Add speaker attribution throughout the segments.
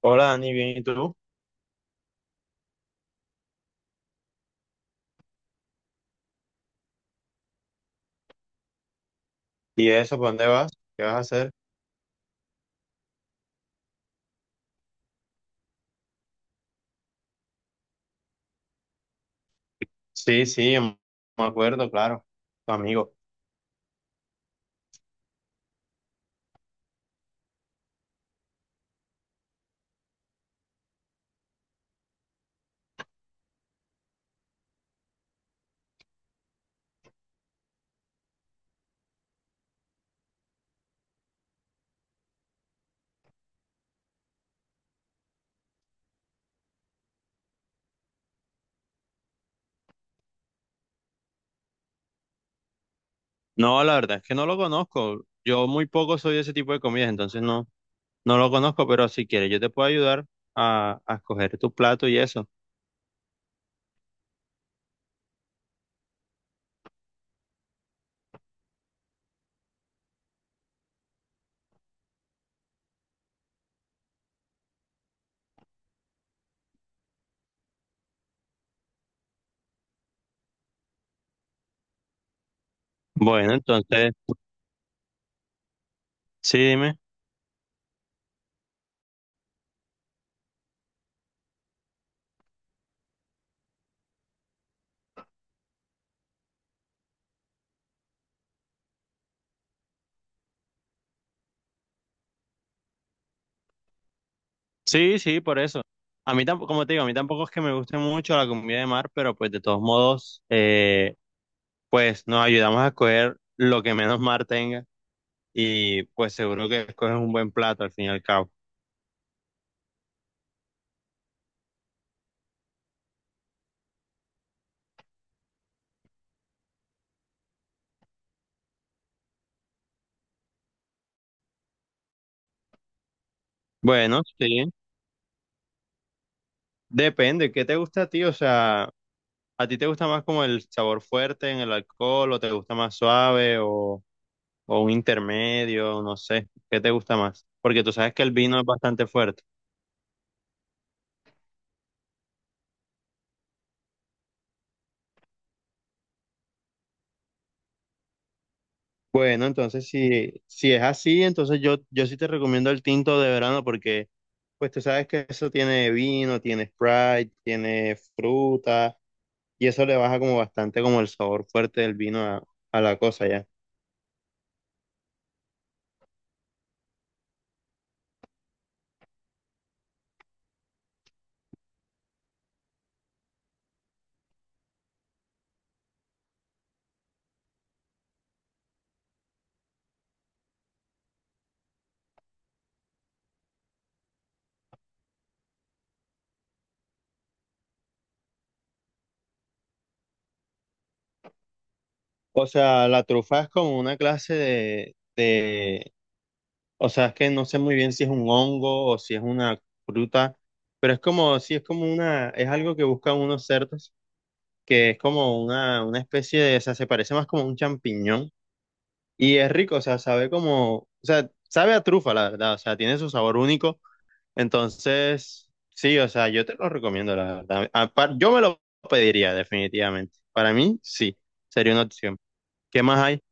Speaker 1: Hola Dani, bien, ¿y tú? ¿Y eso, para dónde vas? ¿Qué vas a hacer? Sí, sí, me acuerdo, claro, tu amigo. No, la verdad es que no lo conozco. Yo muy poco soy de ese tipo de comidas, entonces no, no lo conozco, pero si quieres, yo te puedo ayudar a escoger tu plato y eso. Bueno, entonces, sí, dime. Sí, sí, por eso. A mí tampoco, como te digo, a mí tampoco es que me guste mucho la comida de mar, pero pues de todos modos, pues nos ayudamos a escoger lo que menos mar tenga. Y pues seguro que escoges un buen plato al fin y al cabo. Bueno, sí, depende, ¿qué te gusta a ti? O sea, ¿a ti te gusta más como el sabor fuerte en el alcohol o te gusta más suave o un intermedio? No sé, ¿qué te gusta más? Porque tú sabes que el vino es bastante fuerte. Bueno, entonces si es así, entonces yo sí te recomiendo el tinto de verano, porque pues tú sabes que eso tiene vino, tiene Sprite, tiene fruta, y eso le baja como bastante como el sabor fuerte del vino a la cosa ya. O sea, la trufa es como una clase de, o sea, es que no sé muy bien si es un hongo o si es una fruta, pero es como, sí, es como una, es algo que buscan unos cerdos, que es como una especie de, o sea, se parece más como a un champiñón. Y es rico, o sea, sabe como, o sea, sabe a trufa, la verdad, o sea, tiene su sabor único. Entonces, sí, o sea, yo te lo recomiendo, la verdad. Yo me lo pediría, definitivamente. Para mí, sí, sería una opción. ¿Qué más hay?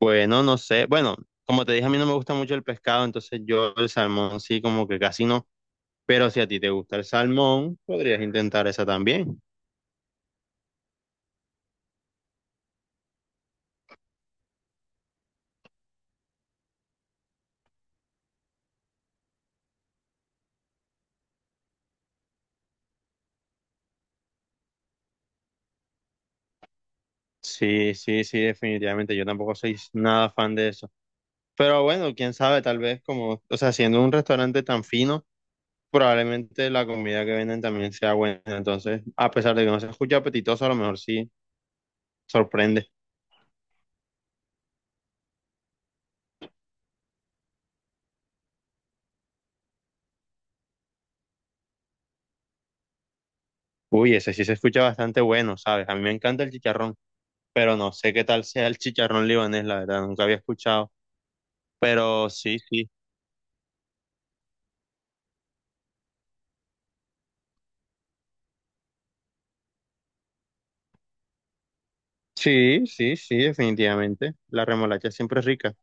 Speaker 1: Bueno, no sé. Bueno, como te dije, a mí no me gusta mucho el pescado, entonces yo el salmón sí, como que casi no. Pero si a ti te gusta el salmón, podrías intentar esa también. Sí, sí, sí, definitivamente. Yo tampoco soy nada fan de eso. Pero bueno, quién sabe, tal vez como, o sea, siendo un restaurante tan fino, probablemente la comida que venden también sea buena. Entonces, a pesar de que no se escucha apetitoso, a lo mejor sí sorprende. Uy, ese sí se escucha bastante bueno, ¿sabes? A mí me encanta el chicharrón, pero no sé qué tal sea el chicharrón libanés, la verdad, nunca había escuchado. Pero sí, sí. Sí, sí, sí, definitivamente. La remolacha siempre es rica.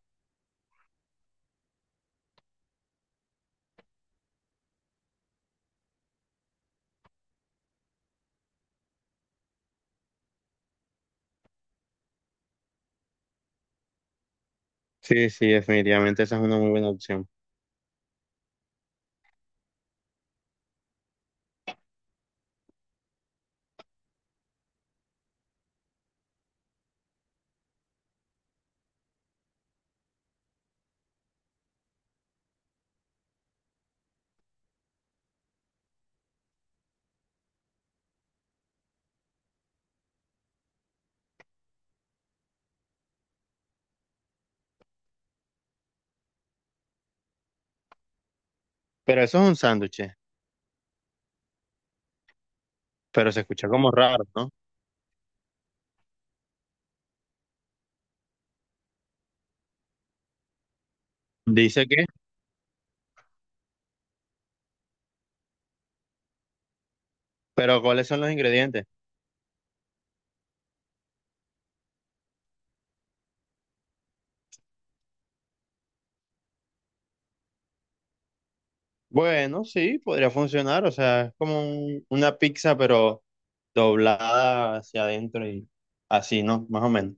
Speaker 1: Sí, sí, definitivamente esa es una muy buena opción. Pero eso es un sándwich, pero se escucha como raro, ¿no? Dice que, pero ¿cuáles son los ingredientes? Bueno, sí, podría funcionar, o sea, es como una pizza, pero doblada hacia adentro y así, ¿no? Más o menos.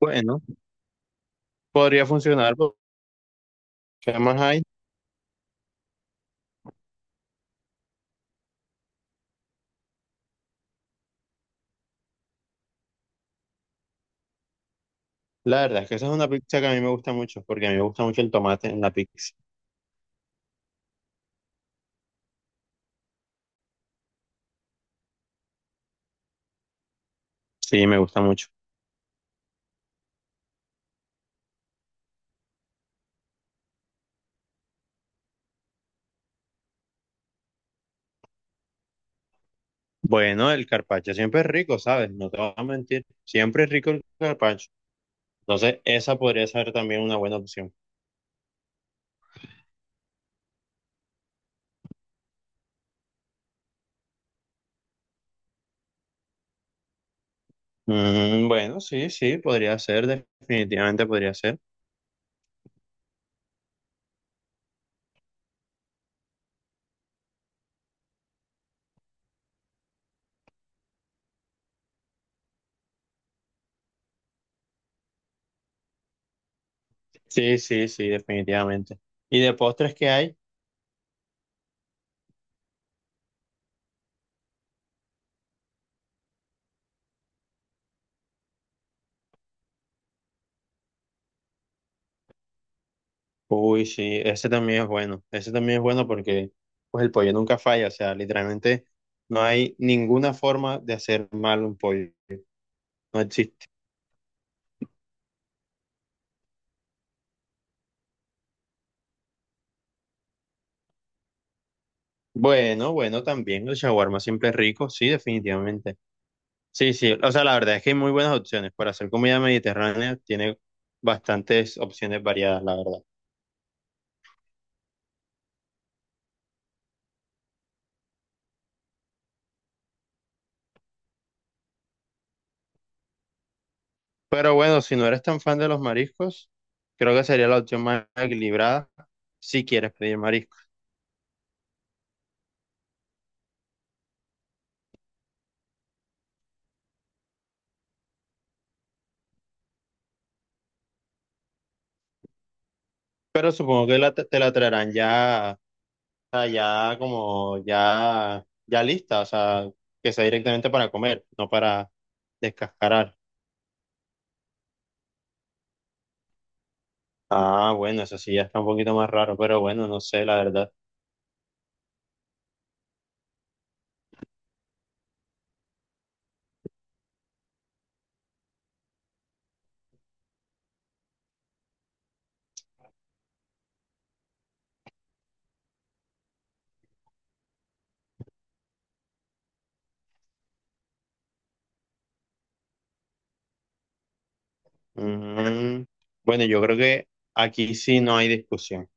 Speaker 1: Bueno, podría funcionar, porque ¿qué más hay? La verdad es que esa es una pizza que a mí me gusta mucho, porque a mí me gusta mucho el tomate en la pizza. Sí, me gusta mucho. Bueno, el carpaccio siempre es rico, ¿sabes? No te voy a mentir, siempre es rico el carpaccio. Entonces, esa podría ser también una buena opción. Mm, bueno, sí, sí, podría ser, definitivamente podría ser. Sí, sí, sí, definitivamente. ¿Y de postres qué hay? Uy, sí, ese también es bueno. Ese también es bueno porque pues el pollo nunca falla. O sea, literalmente no hay ninguna forma de hacer mal un pollo. No existe. Bueno, bueno, también el shawarma siempre es rico. Sí, definitivamente. Sí, sí. O sea, la verdad es que hay muy buenas opciones. Para hacer comida mediterránea tiene bastantes opciones variadas, la verdad. Pero bueno, si no eres tan fan de los mariscos, creo que sería la opción más equilibrada si quieres pedir mariscos. Pero supongo que te la traerán ya, o sea, ya como ya, ya lista, o sea, que sea directamente para comer, no para descascarar. Ah, bueno, eso sí ya está un poquito más raro, pero bueno, no sé, la verdad. Mm, bueno, yo creo que aquí sí no hay discusión.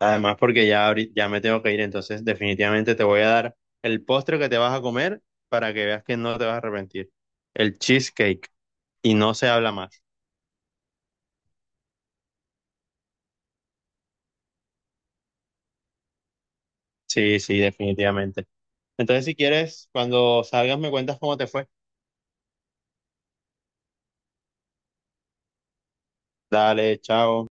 Speaker 1: Además, porque ya, ya me tengo que ir, entonces definitivamente te voy a dar el postre que te vas a comer para que veas que no te vas a arrepentir. El cheesecake. Y no se habla más. Sí, sí, definitivamente. Entonces, si quieres, cuando salgas me cuentas cómo te fue. Dale, chao.